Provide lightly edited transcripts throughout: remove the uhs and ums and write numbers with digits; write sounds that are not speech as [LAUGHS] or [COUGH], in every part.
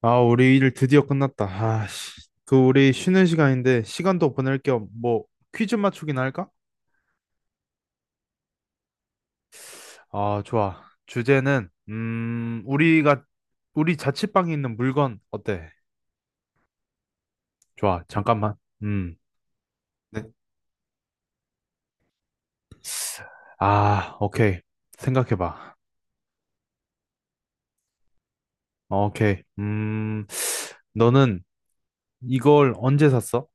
아, 우리 일 드디어 끝났다. 아, 씨. 그 우리 쉬는 시간인데 시간도 보낼 겸 뭐 퀴즈 맞추기나 할까? 아, 좋아. 주제는 우리가 우리 자취방에 있는 물건 어때? 좋아. 잠깐만. 음. 네. 아, 오케이. 생각해 봐. 오케이. 음. 너는 이걸 언제 샀어?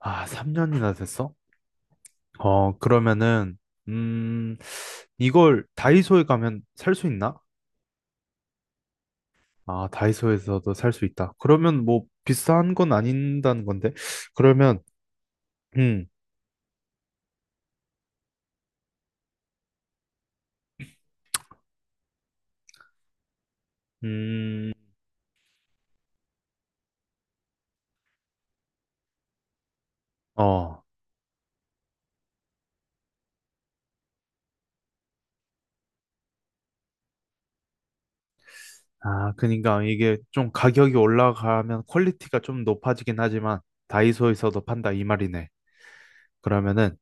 아, 3년이나 됐어? 그러면은 음, 이걸 다이소에 가면 살 수 있나? 아, 다이소에서도 살 수 있다. 그러면 뭐 비싼 건 아닌다는 건데. 그러면 음, 음, 어, 아, 그러니까 이게 좀 가격이 올라가면 퀄리티가 좀 높아지긴 하지만 다이소에서도 판다 이 말이네. 그러면은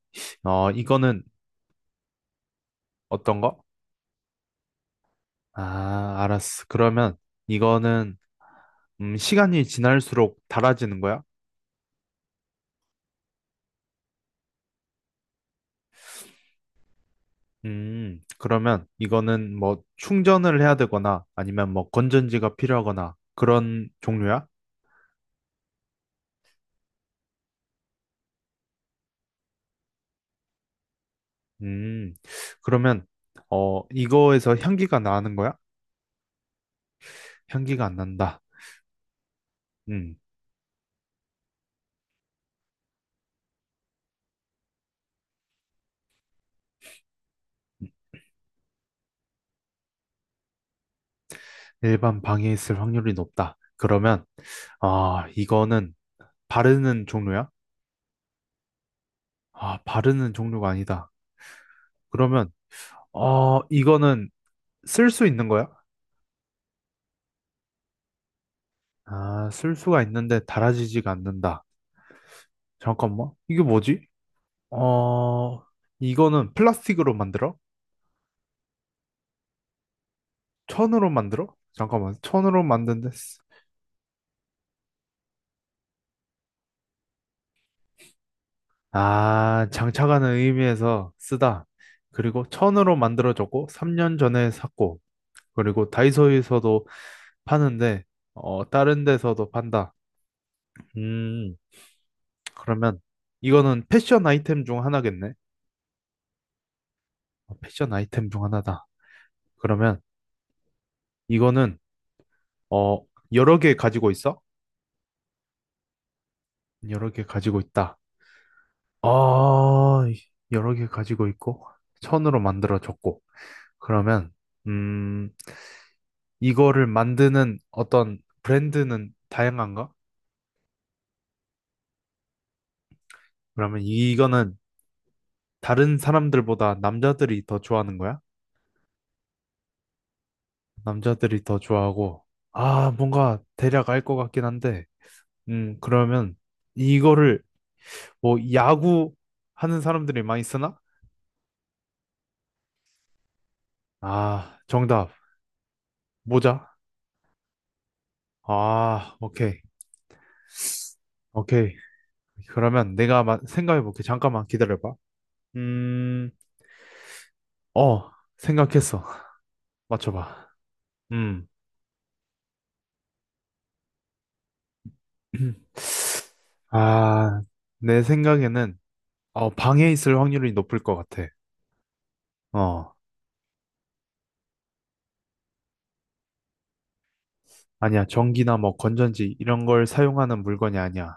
이거는 어떤 거? 아, 알았어. 그러면 이거는 시간이 지날수록 닳아지는 거야? 그러면 이거는 뭐 충전을 해야 되거나 아니면 뭐 건전지가 필요하거나 그런 종류야? 음, 그러면, 이거에서 향기가 나는 거야? 향기가 안 난다. 음, 일반 방에 있을 확률이 높다. 그러면, 아, 이거는 바르는 종류야? 아, 바르는 종류가 아니다. 그러면, 이거는 쓸 수 있는 거야? 아, 쓸 수가 있는데 달아지지가 않는다. 잠깐만, 이게 뭐지? 어, 이거는 플라스틱으로 만들어? 천으로 만들어? 잠깐만, 천으로 만든데 아, 장차가는 의미에서 쓰다. 그리고 천으로 만들어졌고, 3년 전에 샀고, 그리고 다이소에서도 파는데, 다른 데서도 판다. 음, 그러면 이거는 패션 아이템 중 하나겠네? 어, 패션 아이템 중 하나다. 그러면 이거는, 어, 여러 개 가지고 있어? 여러 개 가지고 있다. 어, 여러 개 가지고 있고, 천으로 만들어졌고, 그러면, 음, 이거를 만드는 어떤 브랜드는 다양한가? 그러면 이거는 다른 사람들보다 남자들이 더 좋아하는 거야? 남자들이 더 좋아하고, 아, 뭔가 대략 알 것 같긴 한데, 그러면 이거를 뭐 야구 하는 사람들이 많이 쓰나? 아, 정답. 모자? 아, 오케이. 오케이. 그러면 내가 생각해볼게. 잠깐만 기다려봐. 음, 어, 생각했어. [LAUGHS] 맞춰봐. 음. [CLEARS THROAT] 아, 내 생각에는 방에 있을 확률이 높을 것 같아. 어, 아니야. 전기나 뭐 건전지 이런 걸 사용하는 물건이 아니야.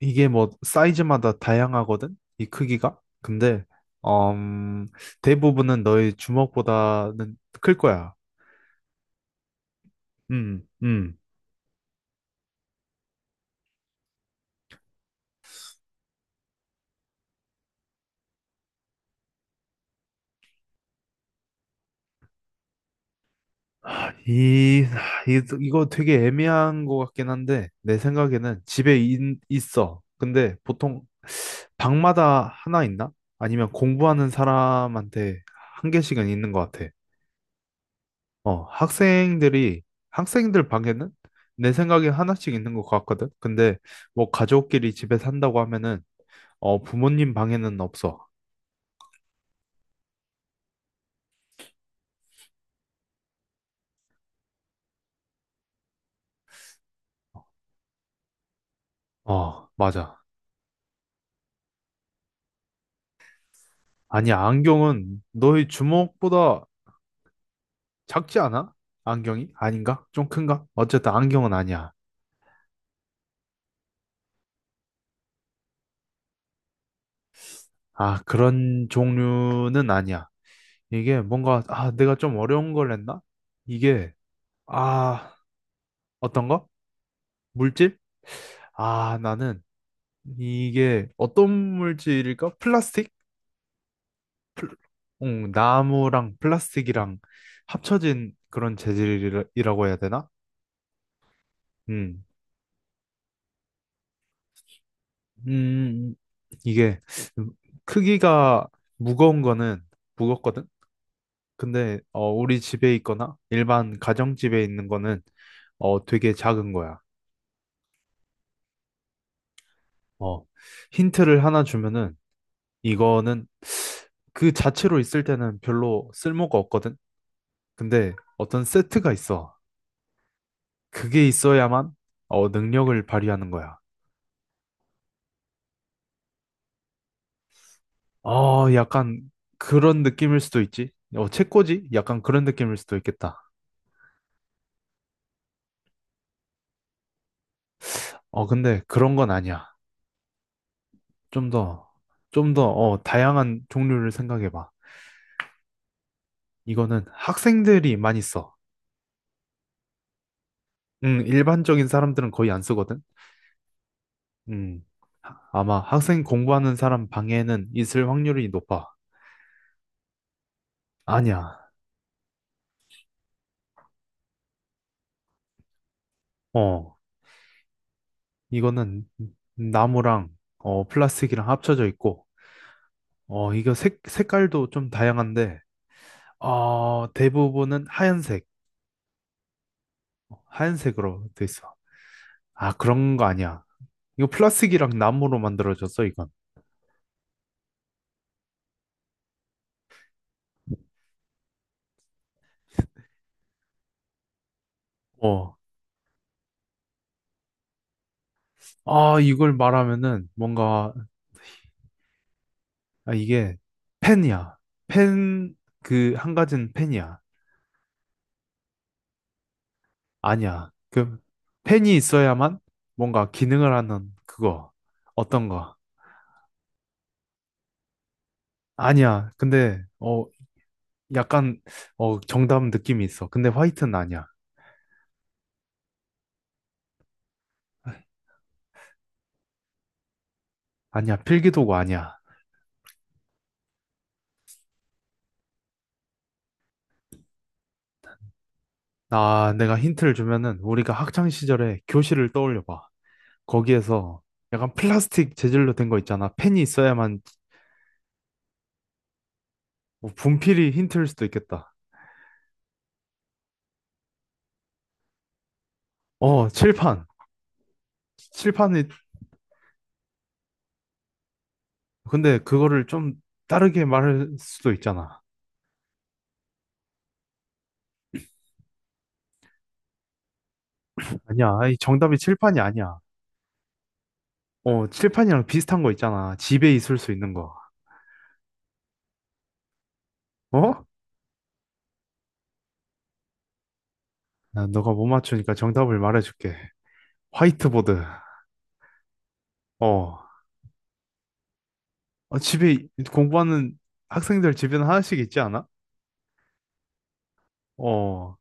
이게 뭐 사이즈마다 다양하거든? 이 크기가? 근데 음, 대부분은 너의 주먹보다는 클 거야. 음, 음. 이, 이거 되게 애매한 것 같긴 한데, 내 생각에는 집에 있어. 근데 보통 방마다 하나 있나? 아니면 공부하는 사람한테 한 개씩은 있는 것 같아. 어, 학생들이, 학생들 방에는 내 생각에 하나씩 있는 것 같거든? 근데 뭐 가족끼리 집에 산다고 하면은, 부모님 방에는 없어. 어, 맞아. 아니, 안경은 너의 주먹보다 작지 않아? 안경이? 아닌가? 좀 큰가? 어쨌든 안경은 아니야. 아, 그런 종류는 아니야. 이게 뭔가, 아, 내가 좀 어려운 걸 했나? 이게, 아, 어떤 거? 물질? 아, 나는 이게 어떤 물질일까? 플라스틱? 응, 나무랑 플라스틱이랑 합쳐진 그런 재질이라고 해야 되나? 음, 음, 이게 크기가 무거운 거는 무겁거든? 근데 어, 우리 집에 있거나 일반 가정집에 있는 거는 어, 되게 작은 거야. 어, 힌트를 하나 주면은 이거는 그 자체로 있을 때는 별로 쓸모가 없거든. 근데 어떤 세트가 있어. 그게 있어야만 능력을 발휘하는 거야. 어, 약간 그런 느낌일 수도 있지. 어, 책꽂이? 약간 그런 느낌일 수도 있겠다. 어, 근데 그런 건 아니야. 좀 더, 어, 다양한 종류를 생각해봐. 이거는 학생들이 많이 써. 일반적인 사람들은 거의 안 쓰거든? 음, 아마 학생 공부하는 사람 방에는 있을 확률이 높아. 아니야. 어, 이거는 나무랑, 플라스틱이랑 합쳐져 있고, 어, 이거 색깔도 좀 다양한데, 어, 대부분은 하얀색, 하얀색으로 돼 있어. 아, 그런 거 아니야. 이거 플라스틱이랑 나무로 만들어졌어, 이건. 어, 아, 이걸 말하면은 뭔가, 아, 이게 펜이야. 펜, 그, 한 가지는 펜이야. 아니야. 그 펜이 있어야만 뭔가 기능을 하는 그거 어떤 거. 아니야. 근데 어 약간 어 정답 느낌이 있어. 근데 화이트는 아니야. 아니야. 필기도구 아니야. 아, 내가 힌트를 주면은 우리가 학창 시절에 교실을 떠올려 봐. 거기에서 약간 플라스틱 재질로 된 거 있잖아. 펜이 있어야만 뭐 분필이 힌트일 수도 있겠다. 어, 칠판. 칠판이 근데 그거를 좀 다르게 말할 수도 있잖아. 아니야. 아이, 정답이 칠판이 아니야. 어, 칠판이랑 비슷한 거 있잖아. 집에 있을 수 있는 거. 어? 나 너가 못 맞추니까 정답을 말해줄게. 화이트보드. 어. 어, 집에 공부하는 학생들 집에는 하나씩 있지 않아? 어.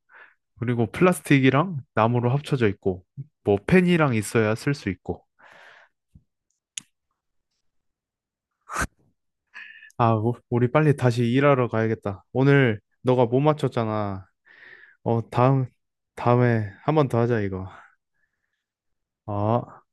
그리고 플라스틱이랑 나무로 합쳐져 있고, 뭐 펜이랑 있어야 쓸 수 있고. 아, 우리 빨리 다시 일하러 가야겠다. 오늘 너가 못 맞췄잖아. 어, 다음, 다음에 한 번 더 하자, 이거. 어.